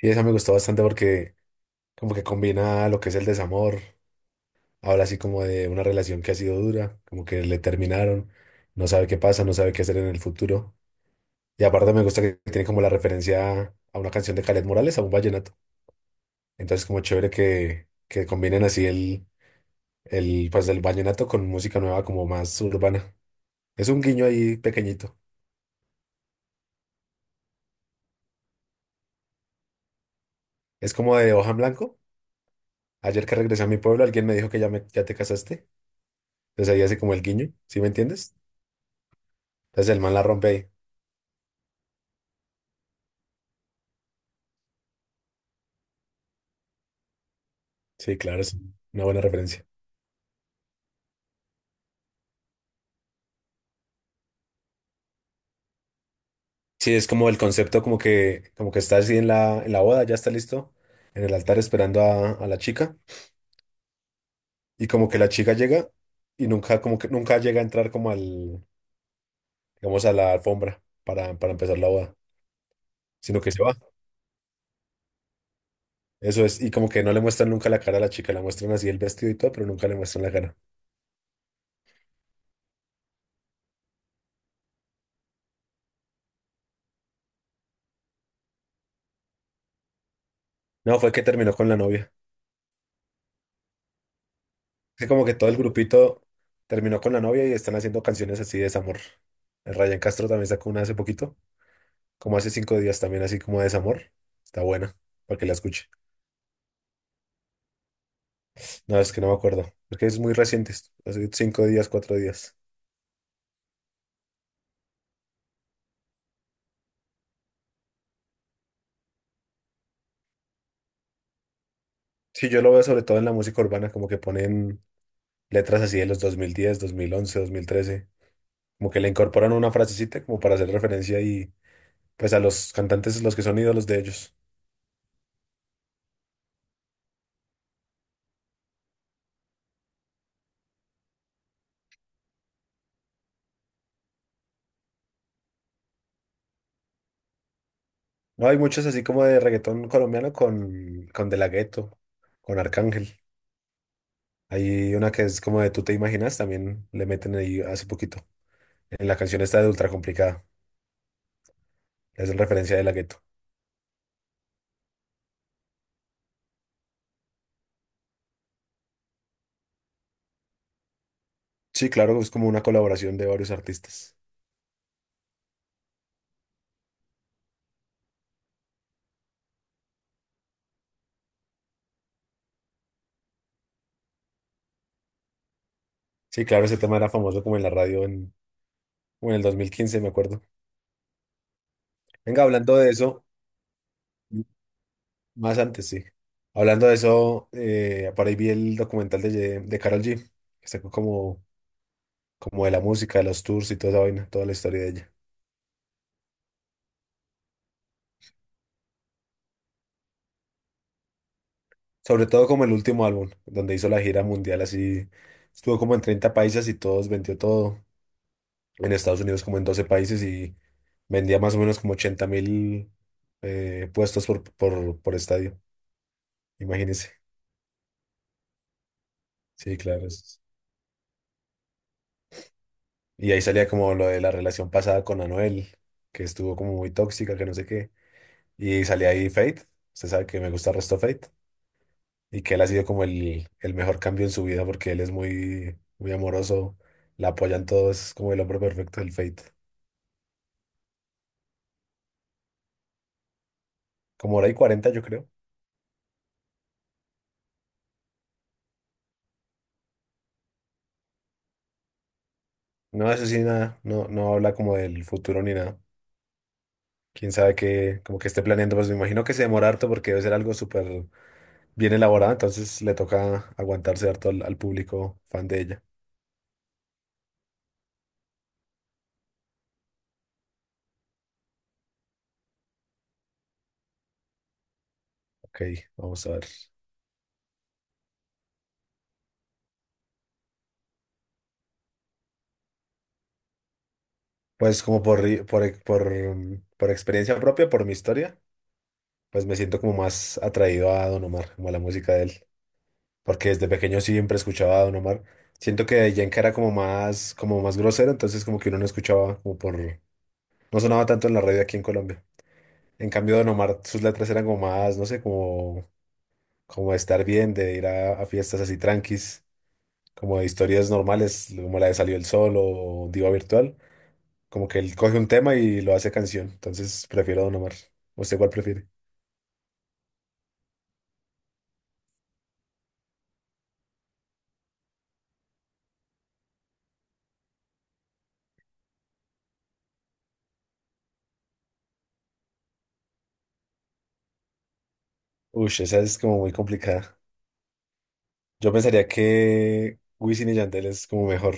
Y esa me gustó bastante porque como que combina lo que es el desamor, habla así como de una relación que ha sido dura, como que le terminaron, no sabe qué pasa, no sabe qué hacer en el futuro. Y aparte me gusta que tiene como la referencia a una canción de Caled Morales, a un vallenato. Entonces como chévere que combinen así pues el vallenato con música nueva como más urbana. Es un guiño ahí pequeñito. Es como de hoja en blanco. Ayer que regresé a mi pueblo, alguien me dijo que ya te casaste. Entonces ahí hace como el guiño, ¿sí me entiendes? Entonces el man la rompe ahí. Sí, claro, es una buena referencia. Sí, es como el concepto como que está así en la boda, ya está listo, en el altar esperando a la chica, y como que la chica llega y nunca, como que nunca llega a entrar como al, digamos, a la alfombra para empezar la boda, sino que se va. Eso es, y como que no le muestran nunca la cara a la chica, la muestran así el vestido y todo, pero nunca le muestran la cara. No, fue que terminó con la novia. Es como que todo el grupito terminó con la novia y están haciendo canciones así de desamor. El Ryan Castro también sacó una hace poquito como hace 5 días también, así como de desamor. Está buena, para que la escuche. No, es que no me acuerdo, porque es muy reciente, hace 5 días, 4 días. Sí, yo lo veo sobre todo en la música urbana, como que ponen letras así de los dos mil diez, 2011, 2013, como que le incorporan una frasecita como para hacer referencia y pues a los cantantes, los que son ídolos de ellos. No, hay muchos así como de reggaetón colombiano con De La Ghetto, con Arcángel. Hay una que es como de Tú Te Imaginas, también le meten ahí hace poquito. En la canción está De Ultra Complicada. Es en referencia de La gueto. Sí, claro, es como una colaboración de varios artistas. Sí, claro, ese tema era famoso como en la radio como en el 2015, me acuerdo. Venga, hablando de eso, más antes, sí. Hablando de eso, por ahí vi el documental de Karol G, que sacó como, como de la música, de los tours y toda esa vaina, toda la historia de ella. Sobre todo como el último álbum, donde hizo la gira mundial así, estuvo como en 30 países y todos, vendió todo. En Estados Unidos como en 12 países, y vendía más o menos como 80.000 puestos por, por estadio. Imagínense. Sí, claro. Y ahí salía como lo de la relación pasada con Anuel, que estuvo como muy tóxica, que no sé qué. Y salía ahí Fate. Usted sabe que me gusta el resto Fate. Y que él ha sido como el mejor cambio en su vida porque él es muy, muy amoroso. La apoyan todos, es como el hombre perfecto del Fate. Como hora y cuarenta, yo creo. No, eso sí, nada. No, no habla como del futuro ni nada. Quién sabe, qué, como que esté planeando, pues me imagino que se demora harto porque debe ser algo súper bien elaborado, entonces le toca aguantarse harto al público fan de ella. Ok, vamos a ver. Pues como por, ri- por, e- por, mm, por experiencia propia, por mi historia, pues me siento como más atraído a Don Omar, como a la música de él, porque desde pequeño siempre escuchaba a Don Omar. Siento que Yenka era como más grosero, entonces como que uno no escuchaba, no sonaba tanto en la radio aquí en Colombia. En cambio, Don Omar, sus letras eran como más, no sé, como de estar bien, de ir a fiestas así tranquis, como de historias normales, como la de Salió el Sol o Diva Virtual, como que él coge un tema y lo hace canción, entonces prefiero a Don Omar. ¿Usted cuál prefiere? Uy, esa es como muy complicada. Yo pensaría que Wisin y Yandel es como mejor.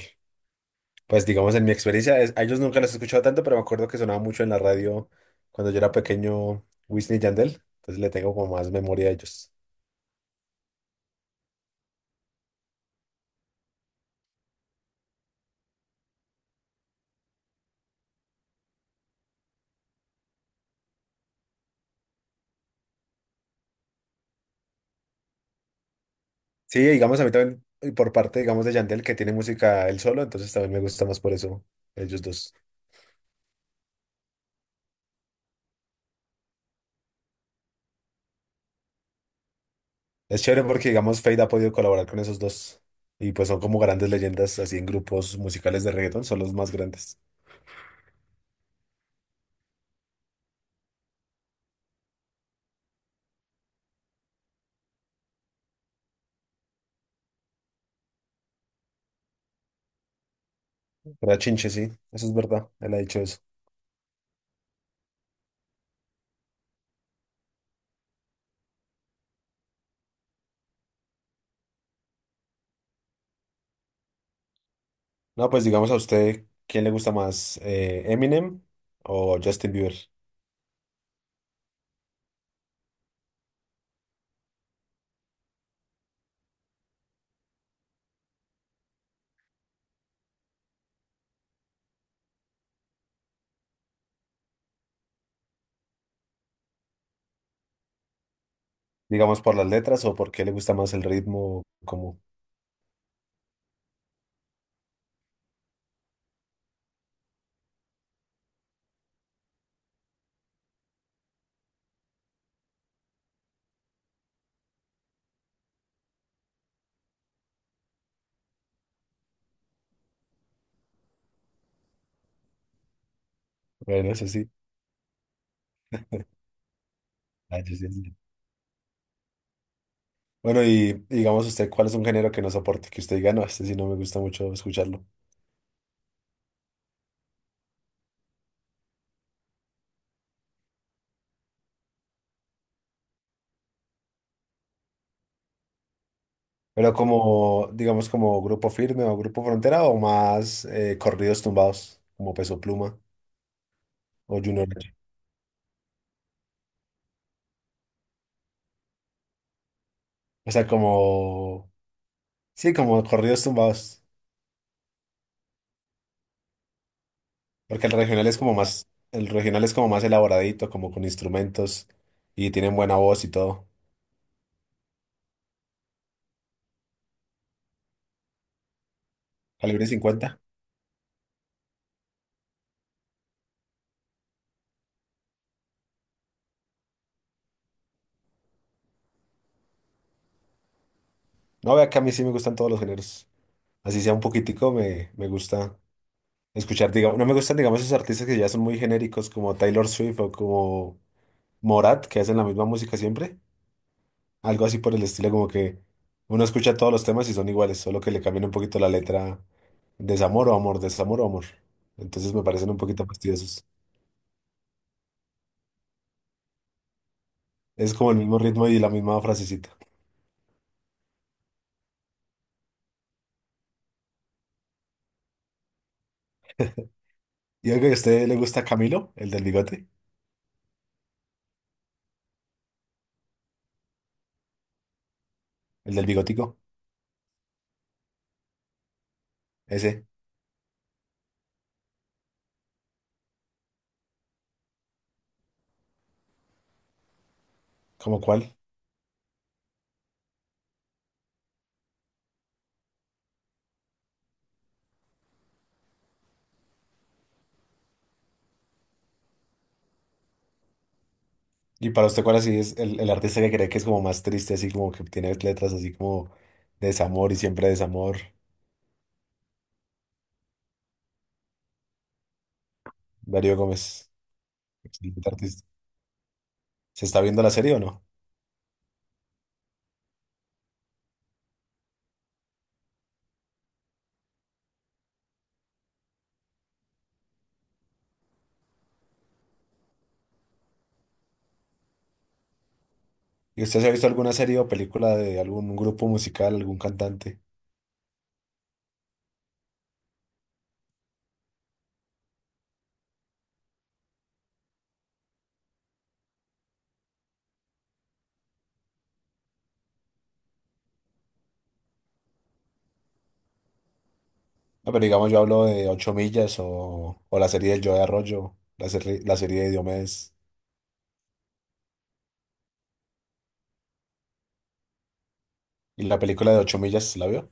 Pues digamos, en mi experiencia, a ellos nunca los he escuchado tanto, pero me acuerdo que sonaba mucho en la radio cuando yo era pequeño Wisin y Yandel, entonces le tengo como más memoria a ellos. Sí, digamos, a mí también, y por parte, digamos, de Yandel, que tiene música él solo, entonces también me gusta más por eso, ellos dos. Es chévere porque, digamos, Fade ha podido colaborar con esos dos. Y pues son como grandes leyendas, así en grupos musicales de reggaetón, son los más grandes. Era Chinche, sí, eso es verdad, él ha dicho eso. No, pues digamos a usted, ¿quién le gusta más, Eminem o Justin Bieber? ¿Digamos por las letras o por qué le gusta más el ritmo, como? Bueno, eso sí. Ah, yo sí. Sí. Bueno, y digamos usted, ¿cuál es un género que no soporte? Que usted diga: no, este sí no me gusta mucho escucharlo. Pero como, digamos, como Grupo Firme o Grupo Frontera, o más corridos tumbados, como Peso Pluma o Junior H. O sea, como, sí, como corridos tumbados. Porque el regional es como más, el regional es como más elaboradito, como con instrumentos, y tienen buena voz y todo. Calibre 50. No, vea que a mí sí me gustan todos los géneros. Así sea un poquitico, me gusta escuchar, digamos. No me gustan, digamos, esos artistas que ya son muy genéricos como Taylor Swift o como Morat, que hacen la misma música siempre. Algo así por el estilo, como que uno escucha todos los temas y son iguales, solo que le cambian un poquito la letra: desamor o amor, desamor o amor. Entonces me parecen un poquito fastidiosos. Es como el mismo ritmo y la misma frasecita. Y algo, que ¿a usted le gusta Camilo, el del bigote? El del bigotico, ese. ¿Como cuál? Y para usted, ¿cuál así es el artista que cree que es como más triste, así como que tiene letras así como de desamor y siempre desamor? Darío Gómez, excelente artista. ¿Se está viendo la serie o no? ¿Y usted se ha visto alguna serie o película de algún grupo musical, algún cantante? Ah, pero digamos, yo hablo de Ocho Millas, o la serie del Joe de Arroyo, la serie de Diomedes. ¿Y la película de Ocho Millas la vio?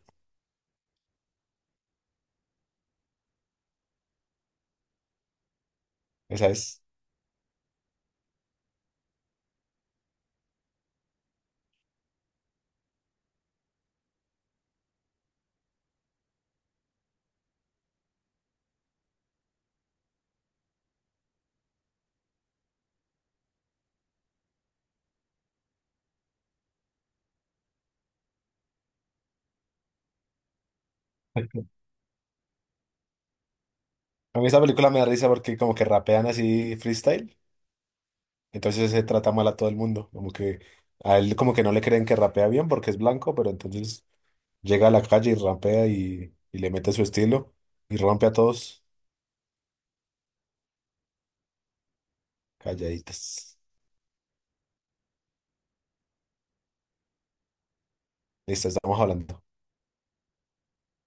Esa es. A mí esa película me da risa porque como que rapean así freestyle. Entonces se trata mal a todo el mundo. Como que a él como que no le creen que rapea bien porque es blanco, pero entonces llega a la calle y rapea, y le mete su estilo y rompe a todos calladitas. Listo, estamos hablando.